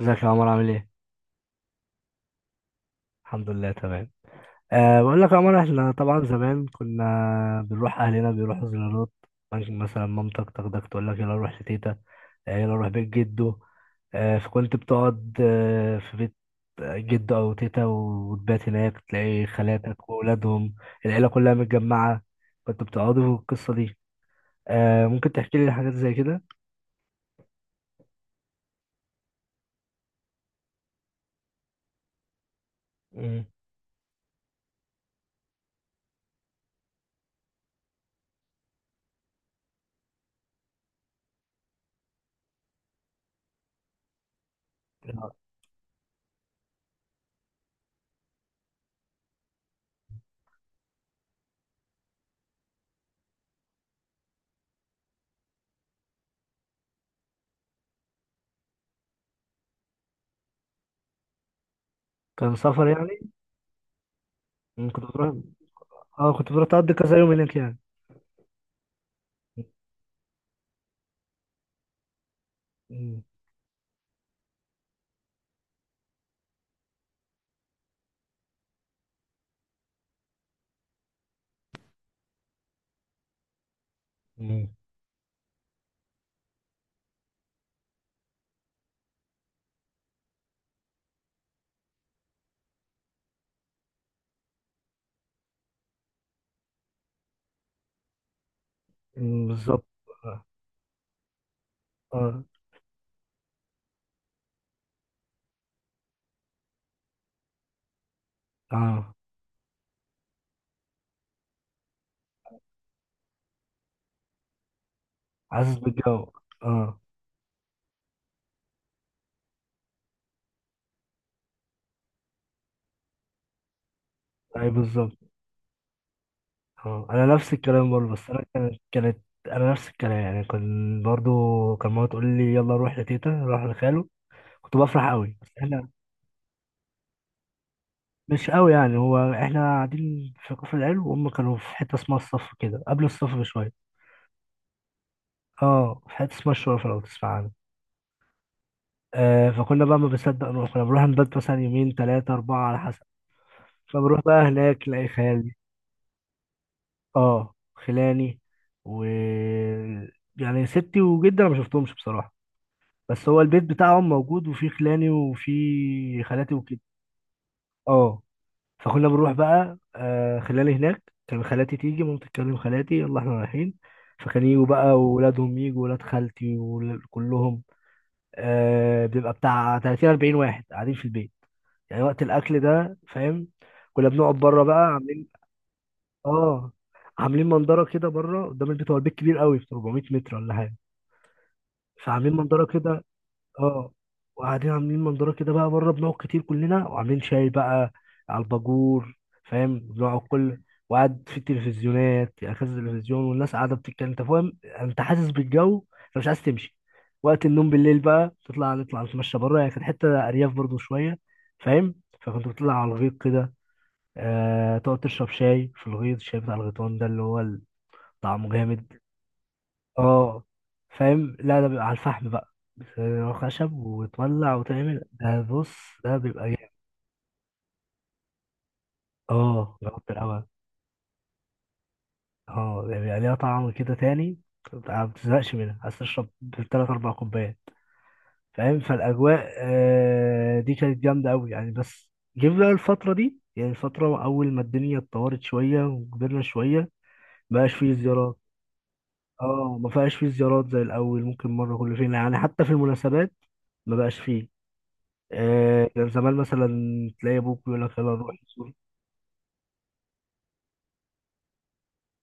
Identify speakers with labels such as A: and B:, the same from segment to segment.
A: ازيك يا عمر عامل ايه؟ الحمد لله تمام. بقول لك يا عمر احنا طبعا زمان كنا بنروح اهلنا بيروحوا زيارات. ممكن مثلا مامتك تاخدك تقول لك يلا نروح لتيتا. يلا نروح بيت جده. فكنت بتقعد في بيت جده او تيتا وتبات هناك تلاقي خالاتك واولادهم. العيله كلها متجمعه. كنت بتقعدوا في القصه دي. ممكن تحكي لي حاجات زي كده؟ مم. كان سفر يعني؟ مم، كنت بتروح. اه كنت بتروح تقضي كذا يوم هناك يعني. مم. مم. مم، بالظبط. اه. اه. آه. حاسس بالجو. اه. اي بالظبط. اه انا نفس الكلام برضه بس انا كانت. انا نفس الكلام يعني كان برضه كان ماما تقول لي يلا نروح لتيتا نروح لخاله. كنت بفرح قوي بس احنا مش قوي يعني، هو احنا قاعدين في كفر العلو وهم كانوا في حته اسمها الصف كده قبل الصف بشويه. اه في حته اسمها الشرف لو تسمع عنها. آه فكنا بقى ما بنصدق نروح، كنا بنروح نبات مثلا يومين ثلاثه اربعه على حسب. فبروح بقى هناك الاقي خال. اه خلاني و يعني ستي وجدي انا ما شفتهمش بصراحه، بس هو البيت بتاعهم موجود وفي خلاني وفي خالاتي وكده. اه فكنا بنروح بقى آه خلاني هناك، كان خالاتي تيجي ماما تتكلم خالاتي يلا احنا رايحين. فكان يجوا بقى وولادهم يجوا ولاد خالتي وكلهم. آه بيبقى بتاع 30 40 واحد قاعدين في البيت يعني وقت الاكل ده فاهم. كنا بنقعد بره بقى عاملين. اه عاملين منظره كده بره قدام البيت، هو البيت كبير قوي في 400 متر ولا حاجه. فعاملين منظره كده. اه وقاعدين عاملين منظره كده بقى بره بنقعد كتير كلنا وعاملين شاي بقى على الباجور. فاهم بنقعد كل وقعد في التلفزيونات يعني كذا تلفزيون والناس قاعده بتتكلم انت فاهم، انت حاسس بالجو انت مش عايز تمشي. وقت النوم بالليل بقى تطلع نطلع نتمشى بره يعني كانت حته ارياف برضو شويه. فاهم. فكنت بتطلع على الغيط كده. آه، تقعد تشرب شاي في الغيط، الشاي بتاع الغيطان ده اللي هو طعمه جامد. اه فاهم، لا ده بيبقى على الفحم بقى بس هو خشب وتولع وتعمل ده بص. ده بيبقى جامد. اه جربت الأول. اه يعني بيبقى ليها طعم كده تاني، ما بتزهقش منها عايز تشرب تلات أربع كوبايات. فاهم، فالأجواء آه، دي كانت جامدة أوي يعني. بس جيب بقى الفترة دي، يعني الفترة أول ما الدنيا اتطورت شوية وكبرنا شوية مبقاش فيه زيارات. اه ما فيهاش فيه زيارات زي الأول، ممكن مرة كل فين يعني. حتى في المناسبات ما بقاش فيه. آه، كان زمان مثلا تلاقي ابوك يقول لك يلا نروح نزور.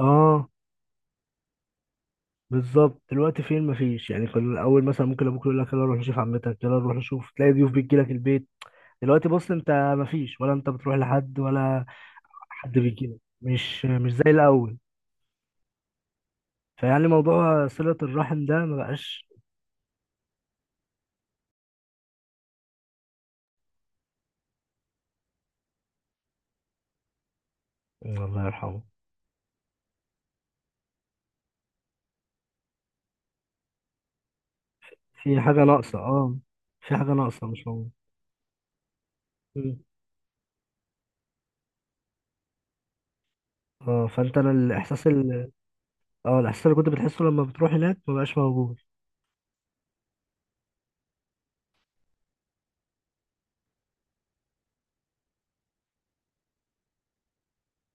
A: اه بالظبط، دلوقتي فين مفيش يعني. كان الاول مثلا ممكن ابوك يقول لك يلا نروح نشوف عمتك، يلا نروح نشوف، تلاقي ضيوف بتجي لك البيت. دلوقتي بص انت مفيش، ولا انت بتروح لحد ولا حد بيجي لك، مش مش زي الاول. فيعني موضوع صلة الرحم ده ما بقاش. الله يرحمه. في حاجة ناقصة اه. في حاجة ناقصة مش موجودة. مم. اه فانت انا الاحساس ال... اه الاحساس اللي كنت بتحسه لما بتروح هناك ما بقاش موجود.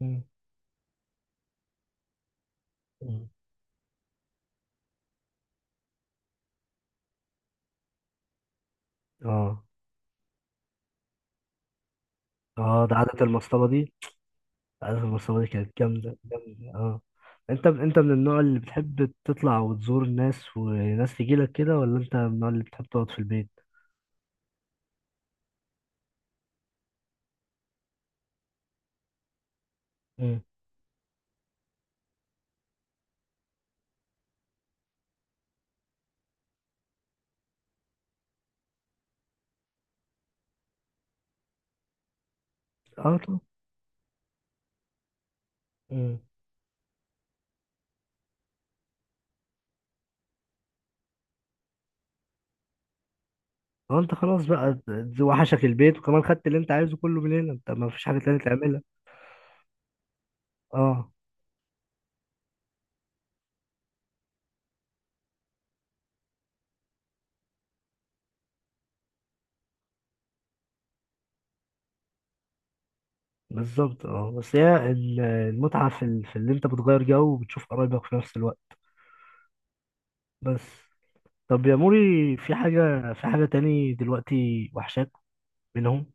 A: مم. مم. اه. اه ده عادة المصطبة دي، عادة المصطبة دي كانت جامدة جامدة اه. انت انت من النوع اللي بتحب تطلع وتزور الناس وناس تجيلك كده، ولا انت من النوع اللي بتحب تقعد في البيت؟ مم. اه طبعا. مم. اه انت خلاص بقى، ت- وحشك البيت وكمان خدت اللي انت عايزه كله من هنا، انت ما فيش حاجة تانية تعملها. اه بالظبط. اه بس هي ال- المتعة في، ال... في اللي انت بتغير جو وبتشوف قرايبك في نفس الوقت بس. طب يا موري في حاجة، في حاجة تاني دلوقتي وحشاك منهم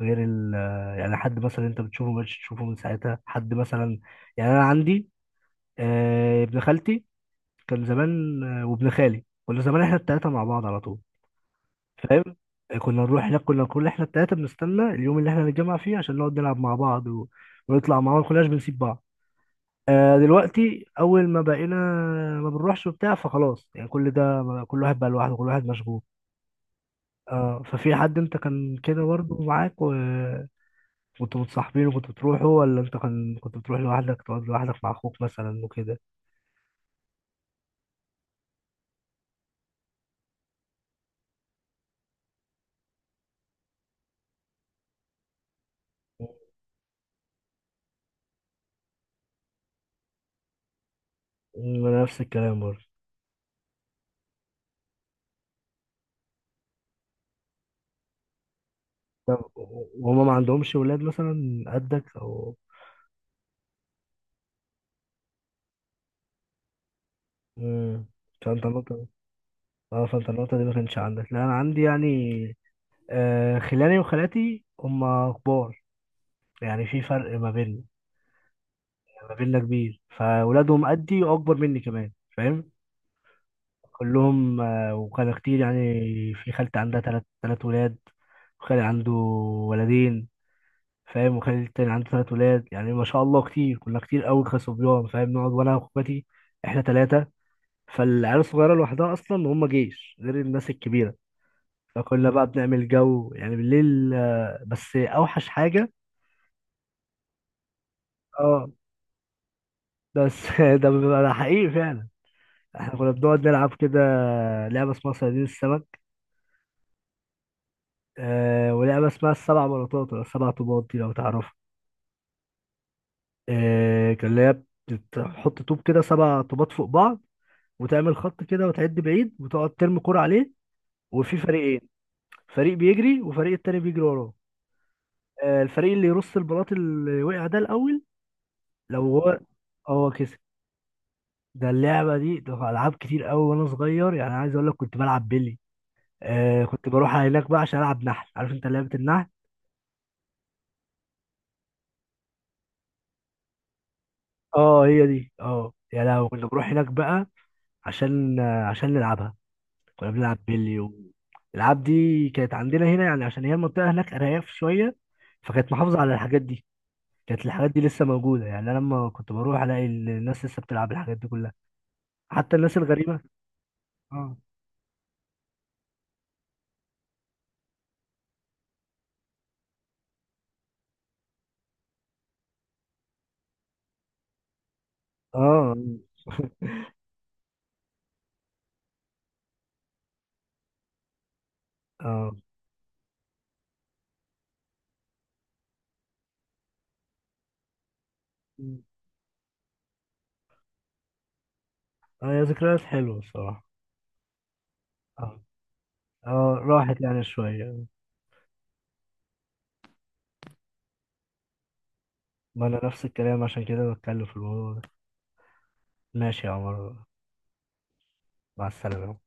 A: غير ال آه، يعني حد مثلا انت بتشوفه مش تشوفه من ساعتها حد مثلا. يعني انا عندي آه، ابن خالتي كان زمان آه، وابن خالي كنا زمان احنا التلاتة مع بعض على طول. فاهم. آه، كنا نروح هناك كنا كل احنا التلاتة بنستنى اليوم اللي احنا نتجمع فيه عشان نقعد نلعب مع بعض و... ونطلع مع بعض ما كناش بنسيب بعض. آه، دلوقتي اول ما بقينا ما بنروحش وبتاع فخلاص يعني كل ده. كل واحد بقى لوحده كل واحد مشغول. اه ففي حد انت كان كده برضه معاك و... كنتوا متصاحبين وكنتوا بتروحوا، ولا انت كان كنت بتروح لوحدك تقعد لوحدك مع اخوك مثلا وكده؟ م- نفس الكلام برضه. طب وهما ما عندهمش ولاد مثلا قدك او. امم. فانت النقطة. اه فانت النقطة دي ما كانش عندك، لا انا عندي يعني آه خلاني وخالاتي هما كبار. يعني في فرق ما بيننا يعني، ما بيننا كبير، فولادهم قدي واكبر مني كمان. فاهم، كلهم آه وكانوا كتير يعني. في خالتي عندها تلات ولاد، وخالي عنده ولدين. فاهم، وخالي التاني عنده ثلاث ولاد يعني ما شاء الله كتير، كنا كتير قوي كصبيان. فاهم، نقعد وانا واخواتي احنا ثلاثه، فالعيال الصغيره لوحدها اصلا هم جيش غير الناس الكبيره. فكنا بقى بنعمل جو يعني بالليل آه، بس اوحش حاجه. اه بس ده بيبقى ده حقيقي فعلا. احنا كنا بنقعد نلعب كده لعبه اسمها صيادين السمك. آه ولعبه اسمها السبع بلاطات ولا السبع طوبات دي لو تعرفوا. آه كان اللي هي بتحط طوب كده سبع طوبات فوق بعض، وتعمل خط كده وتعد بعيد وتقعد ترمي كرة عليه، وفي فريقين. فريق بيجري وفريق التاني بيجري وراه. آه، الفريق اللي يرص البلاط اللي وقع ده الأول لو هو، هو كسب. ده اللعبة دي ده ألعاب كتير قوي وأنا صغير، يعني عايز أقول لك كنت بلعب بيلي. آه كنت بروح هناك بقى عشان ألعب نحل، عارف أنت لعبة النحل. اه هي دي اه، يا لو كنا بنروح هناك بقى عشان آه، عشان نلعبها. كنا بنلعب بيلي و... الألعاب دي كانت عندنا هنا يعني، عشان هي المنطقة هناك أرياف شوية فكانت محافظة على الحاجات دي. كانت الحاجات دي لسه موجودة، يعني أنا لما كنت بروح ألاقي الناس لسه بتلعب الحاجات دي كلها. حتى الناس الغريبة. اه. اه. اه. اه يا ذكريات حلوة الصراحة. اه. اه راحت يعني شوية. ما أنا نفس الكلام عشان كده بتكلم في الموضوع ده. ماشي يا عمر، مع السلامة.